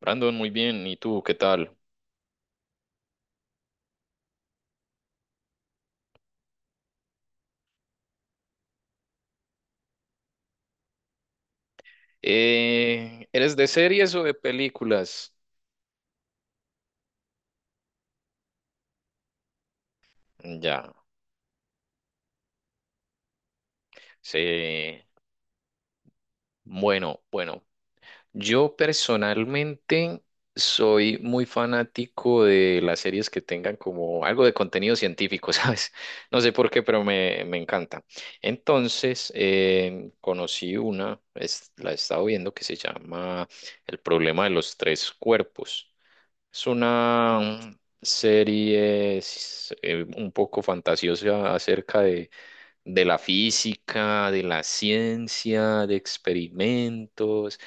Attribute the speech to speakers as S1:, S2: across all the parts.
S1: Brandon, muy bien. ¿Y tú, qué tal? ¿Eres de series o de películas? Ya, sí. Bueno, bueno. Yo personalmente soy muy fanático de las series que tengan como algo de contenido científico, ¿sabes? No sé por qué, pero me encanta. Entonces, conocí una, la he estado viendo, que se llama El problema de los tres cuerpos. Es una serie un poco fantasiosa acerca de, la física, de la ciencia, de experimentos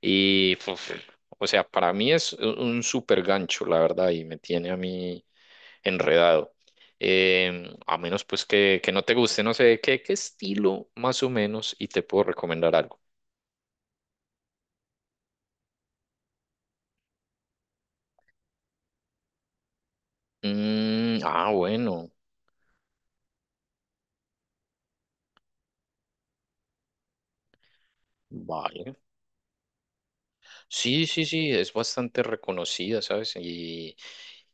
S1: y, puf, o sea, para mí es un super gancho, la verdad, y me tiene a mí enredado. Em, a menos pues que no te guste, no sé, ¿qué estilo más o menos? Y te puedo recomendar algo. Mm, ah, bueno, vale. Sí, sí, sí, es bastante reconocida, ¿sabes? Y,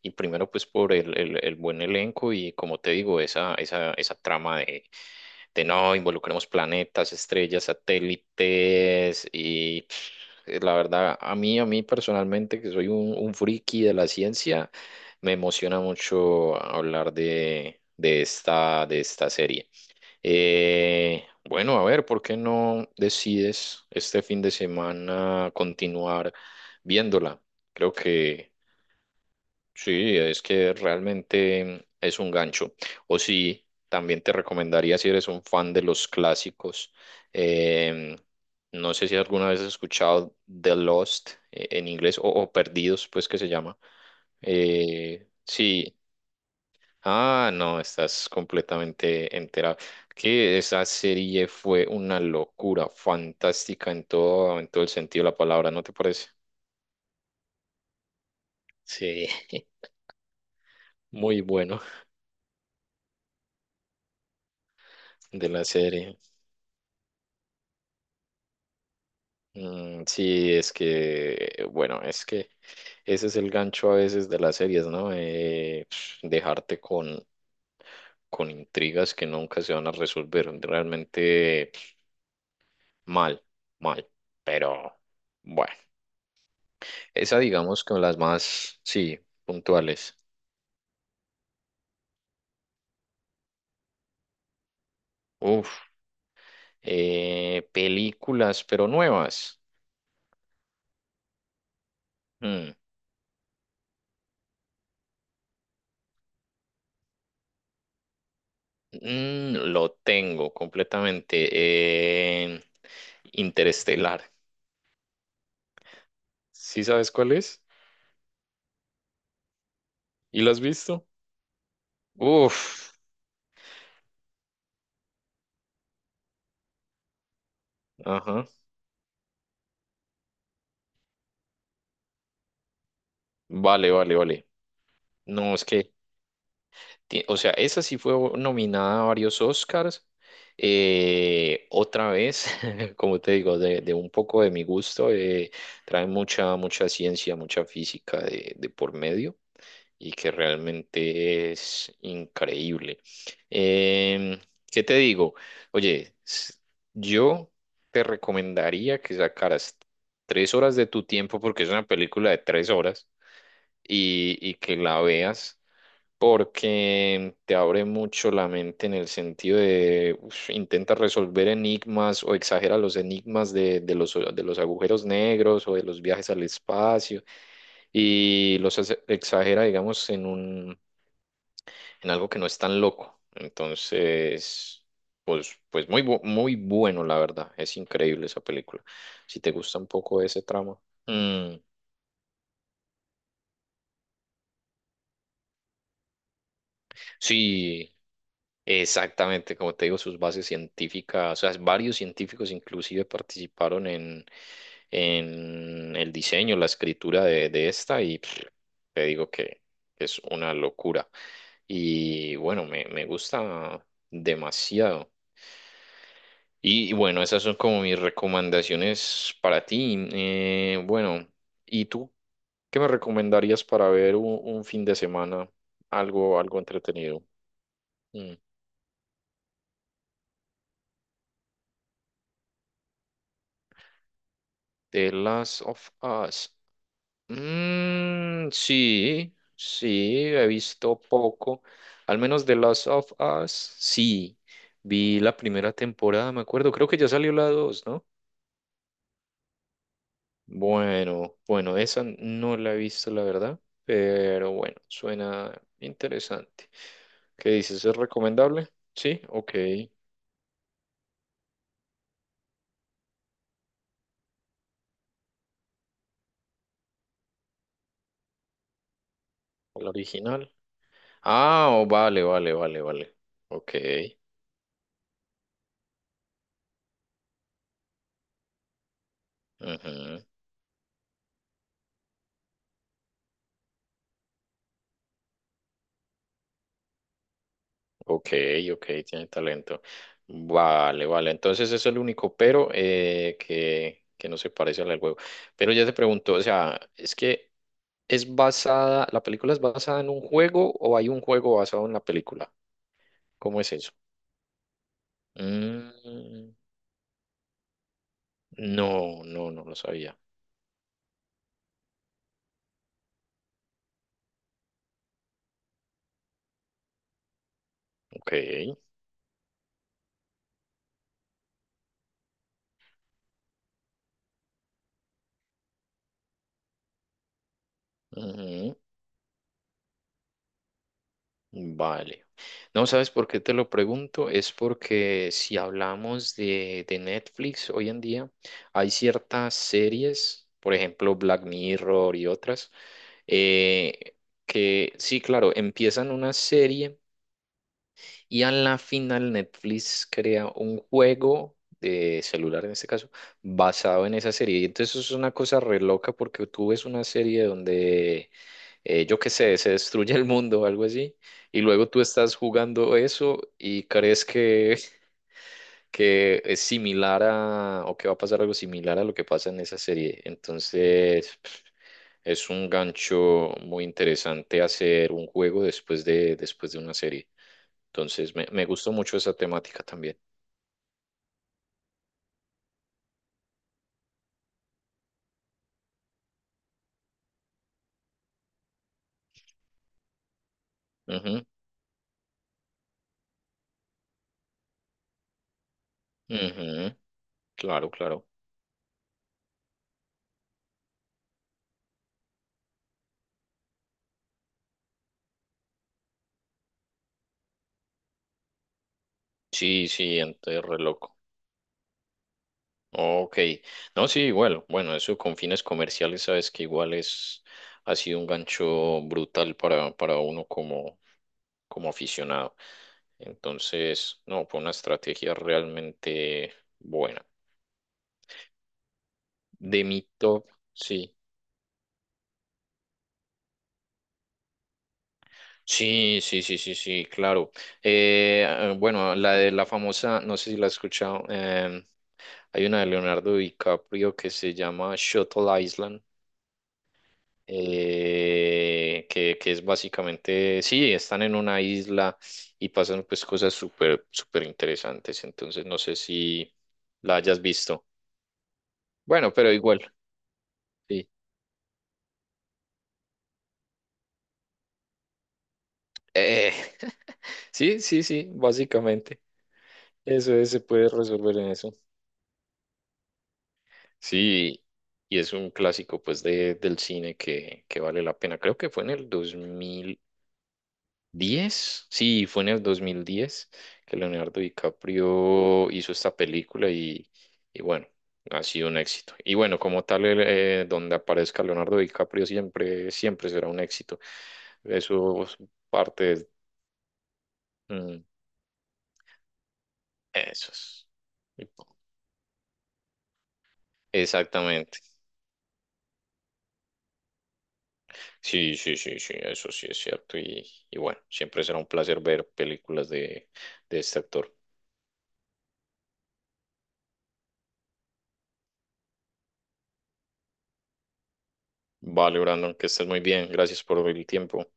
S1: y primero pues por el, el buen elenco y como te digo, esa trama de, no involucremos planetas, estrellas, satélites y pff, la verdad a mí, personalmente que soy un friki de la ciencia, me emociona mucho hablar de, de esta serie. Bueno, a ver, ¿por qué no decides este fin de semana continuar viéndola? Creo que sí, es que realmente es un gancho. O sí, también te recomendaría si eres un fan de los clásicos. em, no sé si alguna vez has escuchado The Lost en inglés o, Perdidos, pues que se llama. Sí. Ah, no, estás completamente enterado. Que esa serie fue una locura, fantástica en todo el sentido de la palabra, ¿no te parece? Sí, muy bueno de la serie. Mm, sí, es que, bueno, es que ese es el gancho a veces de las series, ¿no? Dejarte con intrigas que nunca se van a resolver, realmente mal, mal, pero bueno. Esa, digamos, con las más, sí, puntuales. Uf, películas, pero nuevas. Mm, mm, lo tengo completamente. Interestelar. ¿Sí sabes cuál es? ¿Y lo has visto? Uf, ajá. Vale, vale, vale. No, es que o sea, esa sí fue nominada a varios Oscars. Otra vez, como te digo, de, un poco de mi gusto, trae mucha, mucha ciencia, mucha física de por medio y que realmente es increíble. Em, ¿Qué te digo? Oye, yo te recomendaría que sacaras 3 horas de tu tiempo porque es una película de 3 horas y que la veas porque te abre mucho la mente en el sentido de uf, intenta resolver enigmas o exagera los enigmas de, de los agujeros negros o de los viajes al espacio y los exagera, digamos, en algo que no es tan loco. Entonces, pues muy bueno, la verdad. Es increíble esa película. Si te gusta un poco ese tramo. Mm, sí. Exactamente, como te digo, sus bases científicas, o sea, varios científicos inclusive participaron en, el diseño, la escritura de esta y pff, te digo que es una locura. Y bueno, me gusta demasiado. Y bueno, esas son como mis recomendaciones para ti. Bueno, ¿y tú qué me recomendarías para ver un fin de semana? Algo, algo entretenido. Mm. The Last of Us. Mm, sí, sí, he visto poco, al menos The Last of Us, sí, vi la primera temporada, me acuerdo, creo que ya salió la dos, ¿no? Bueno, bueno, esa no la he visto, la verdad, pero bueno, suena interesante. ¿Qué dices? ¿Es recomendable? Sí, ok, ¿o la original? Ah, oh, vale, vale, vale, vale, ok, ujú. Ok, ok, tiene talento. Vale, vale. Entonces eso es el único pero que, no se parece al del juego. Pero ya te pregunto, o sea, es que es basada, la película es basada en un juego o hay un juego basado en la película. ¿Cómo es eso? Mm, no, no, no lo sabía. Ok. Ujú. Vale. No, ¿sabes por qué te lo pregunto? Es porque si hablamos de Netflix hoy en día, hay ciertas series, por ejemplo Black Mirror y otras, eh, que sí, claro, empiezan una serie y a la final Netflix crea un juego de celular en este caso, basado en esa serie. Y entonces eso es una cosa re loca porque tú ves una serie donde yo qué sé, se destruye el mundo o algo así, y luego tú estás jugando eso y crees que, es similar a, o que va a pasar algo similar a lo que pasa en esa serie. Entonces, es un gancho muy interesante hacer un juego después de una serie. Entonces, me gustó mucho esa temática también. Ujú, ujú, claro, claro. Sí, sí, entonces reloj. Ok, no, sí, igual, bueno, eso con fines comerciales, sabes que igual es, ha sido un gancho brutal para, uno como aficionado. Entonces, no, fue una estrategia realmente buena. De mi top, sí. Sí, sí, sí, sí, sí, claro. Ah, bueno, la de la famosa, no sé si la has escuchado, hay una de Leonardo DiCaprio que se llama Shuttle Island. Que es básicamente, sí, están en una isla y pasan pues cosas súper, súper interesantes, entonces no sé si la hayas visto. Bueno, pero igual, sí. Eh, sí, sí, sí, básicamente. Eso es, se puede resolver en eso. Sí, y es un clásico pues del cine que, vale la pena. Creo que fue en el 10 Sí, fue en el 2010 que Leonardo DiCaprio hizo esta película y bueno, ha sido un éxito. Y bueno, como tal, donde aparezca Leonardo DiCaprio siempre, siempre será un éxito. Eso es parte de... mm, Eso es. Exactamente. Sí, sí, sí, sí, eso sí es cierto. Y bueno, siempre será un placer ver películas de, este actor. Vale, Brandon, que estés muy bien. Gracias por el tiempo.